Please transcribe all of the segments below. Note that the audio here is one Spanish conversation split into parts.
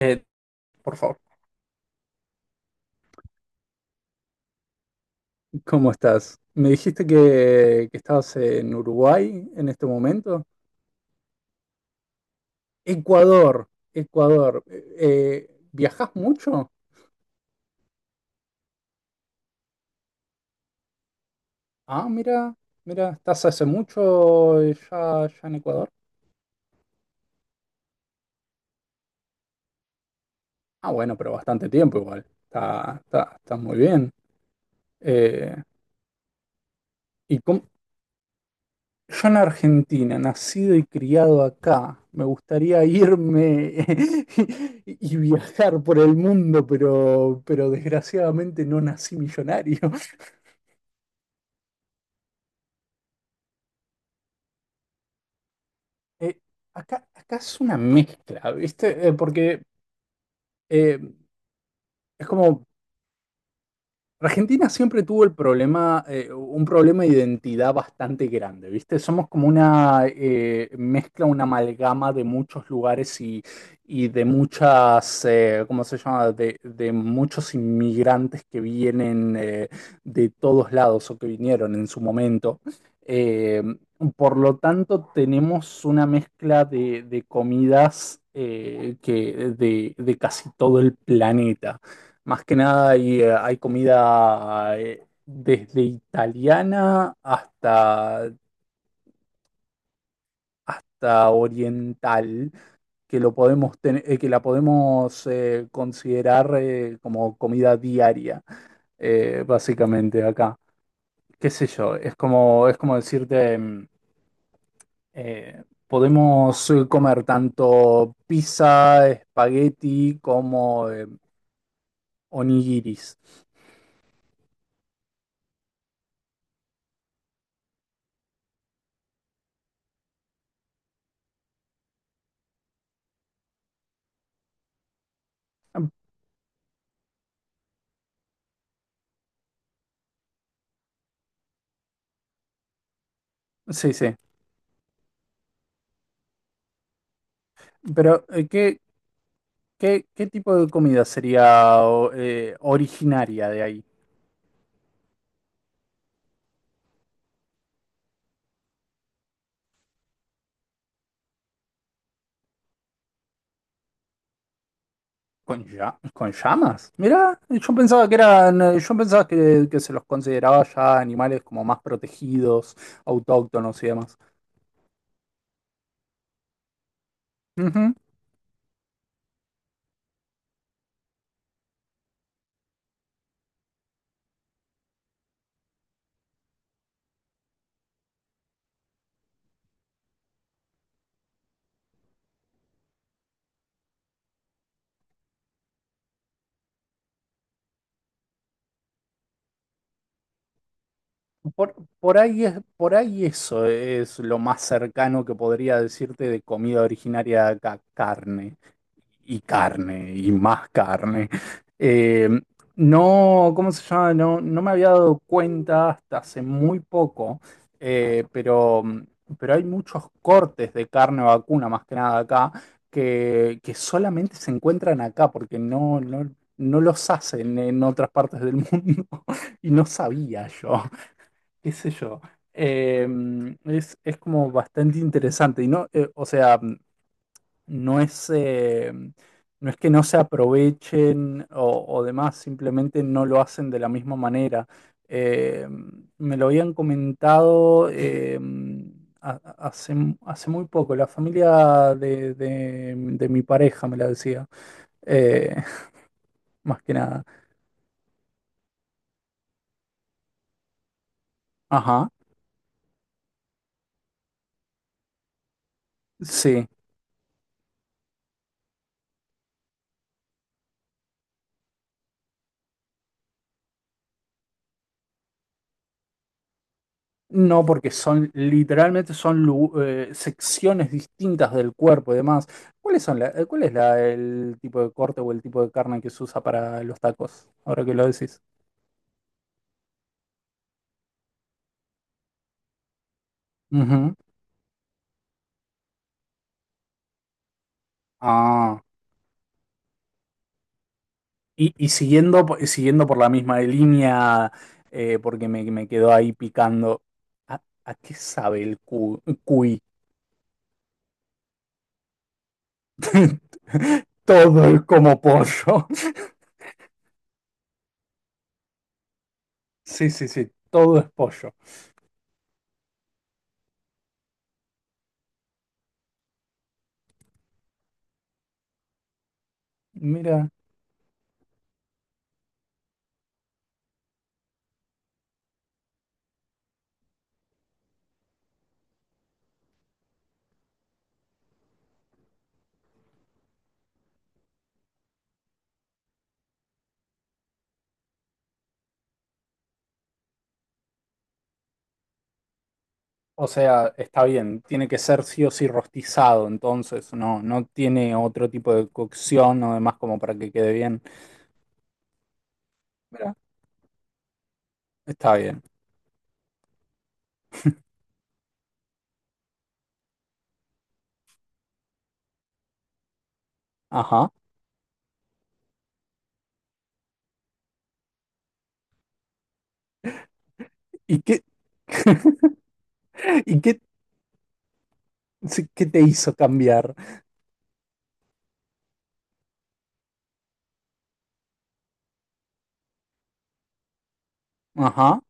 Eh, por favor. ¿Cómo estás? Me dijiste que estabas en Uruguay en este momento. Ecuador, Ecuador. ¿Viajás mucho? Ah, mira, mira, ¿estás hace mucho ya en Ecuador? Ah, bueno, pero bastante tiempo igual. Está muy bien. Eh, ¿y cómo, Yo en Argentina, nacido y criado acá, me gustaría irme y viajar por el mundo, pero desgraciadamente no nací millonario. Eh, acá es una mezcla, ¿viste? Porque eh, es como Argentina siempre tuvo el problema, un problema de identidad bastante grande, ¿viste? Somos como una mezcla, una amalgama de muchos lugares y de muchas, ¿cómo se llama? De muchos inmigrantes que vienen de todos lados o que vinieron en su momento. Eh, por lo tanto, tenemos una mezcla de comidas que de casi todo el planeta. Más que nada hay comida desde italiana hasta, hasta oriental que lo podemos que la podemos considerar como comida diaria, básicamente acá. ¿Qué sé yo? Es como decirte, podemos comer tanto pizza, espagueti como onigiris. Mm, sí, sí. Pero, eh, ¿qué, ¿Qué, qué tipo de comida sería originaria de ahí? ¿Con, con llamas? Mirá, yo pensaba que eran, yo pensaba que se los consideraba ya animales como más protegidos, autóctonos y demás. Por ahí es, por ahí eso es lo más cercano que podría decirte de comida originaria de acá, carne y carne y más carne. Eh, no, ¿cómo se llama? No, no me había dado cuenta hasta hace muy poco, eh, pero, pero hay muchos cortes de carne vacuna, más que nada acá, que solamente se encuentran acá porque no los hacen en otras partes del mundo y no sabía yo qué sé yo, eh, es como bastante interesante. Y no, o sea, no es, eh, no es que no se aprovechen o demás, simplemente no lo hacen de la misma manera. Eh, me lo habían comentado hace, hace muy poco, la familia de, de mi pareja me la decía, eh, más que nada. Ajá, sí. No, porque son literalmente son secciones distintas del cuerpo y demás. ¿Cuáles son cuál es el tipo de corte o el tipo de carne que se usa para los tacos? Ahora que lo decís. Ujú. Ah, y siguiendo, y siguiendo por la misma línea, porque me quedó ahí picando. A qué sabe el cuy? Todo es como pollo. Sí, sí, sí, todo es pollo. Mira. O sea, está bien, tiene que ser sí o sí rostizado, entonces no, no tiene otro tipo de cocción o demás como para que quede bien. Mira, está bien. Ajá. ¿Y qué? ¿Y qué, sí, qué te hizo cambiar? Ajá.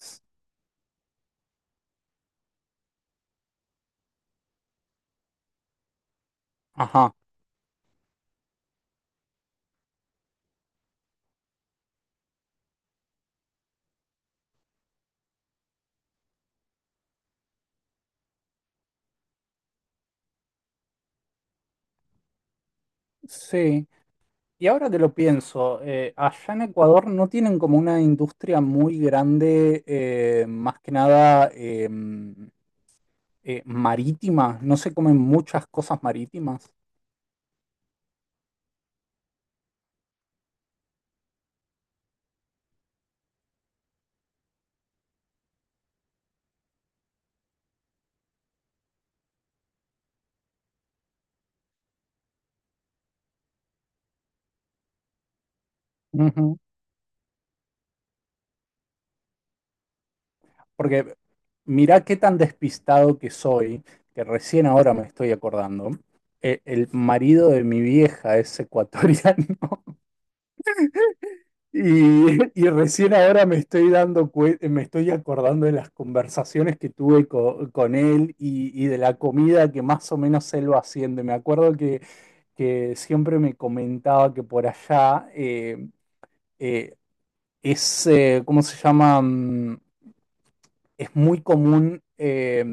s- Ajá. Sí. Y ahora que lo pienso, allá en Ecuador no tienen como una industria muy grande, más que nada marítima. No se comen muchas cosas marítimas. Porque mirá qué tan despistado que soy, que recién ahora me estoy acordando. El marido de mi vieja es ecuatoriano y, y recién ahora me estoy dando me estoy acordando de las conversaciones que tuve con él y de la comida que más o menos él va haciendo. Y me acuerdo que siempre me comentaba que por allá eh, ¿cómo se llama? Mm, es muy común.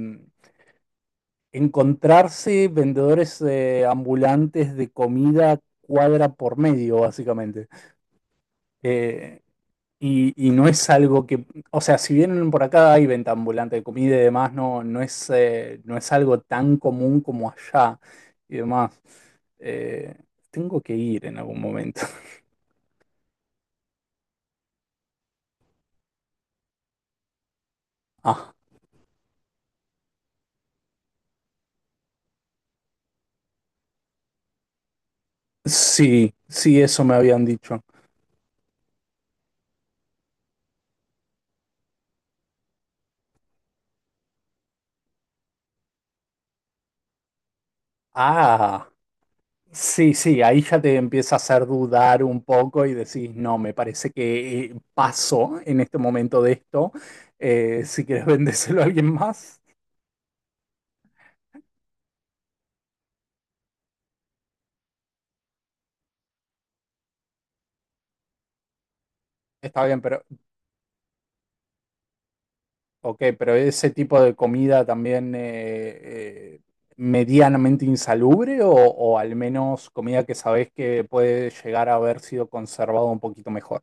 Encontrarse vendedores ambulantes de comida cuadra por medio, básicamente. Eh, y no es algo que, o sea, si vienen por acá hay venta ambulante de comida y demás, no, no es algo tan común como allá y demás. Eh, tengo que ir en algún momento. Ah, sí, sí, eso me habían dicho. Ah. Sí, sí, ahí ya te empieza a hacer dudar un poco y decís, no, me parece que paso en este momento de esto. Si quieres vendérselo a alguien más, está bien, pero ok, pero ese tipo de comida también medianamente insalubre o al menos comida que sabés que puede llegar a haber sido conservado un poquito mejor.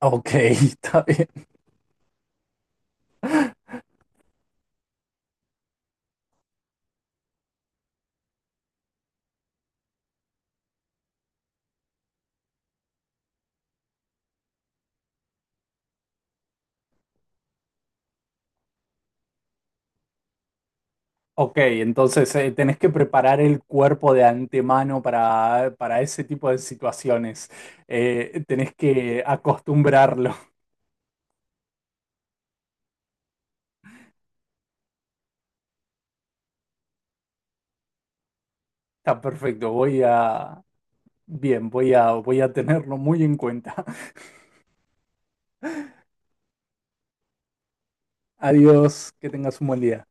Ok, está bien. Ok, entonces tenés que preparar el cuerpo de antemano para ese tipo de situaciones. Tenés que acostumbrarlo. Está perfecto, voy a... Bien, voy a, voy a tenerlo muy en cuenta. Adiós, que tengas un buen día.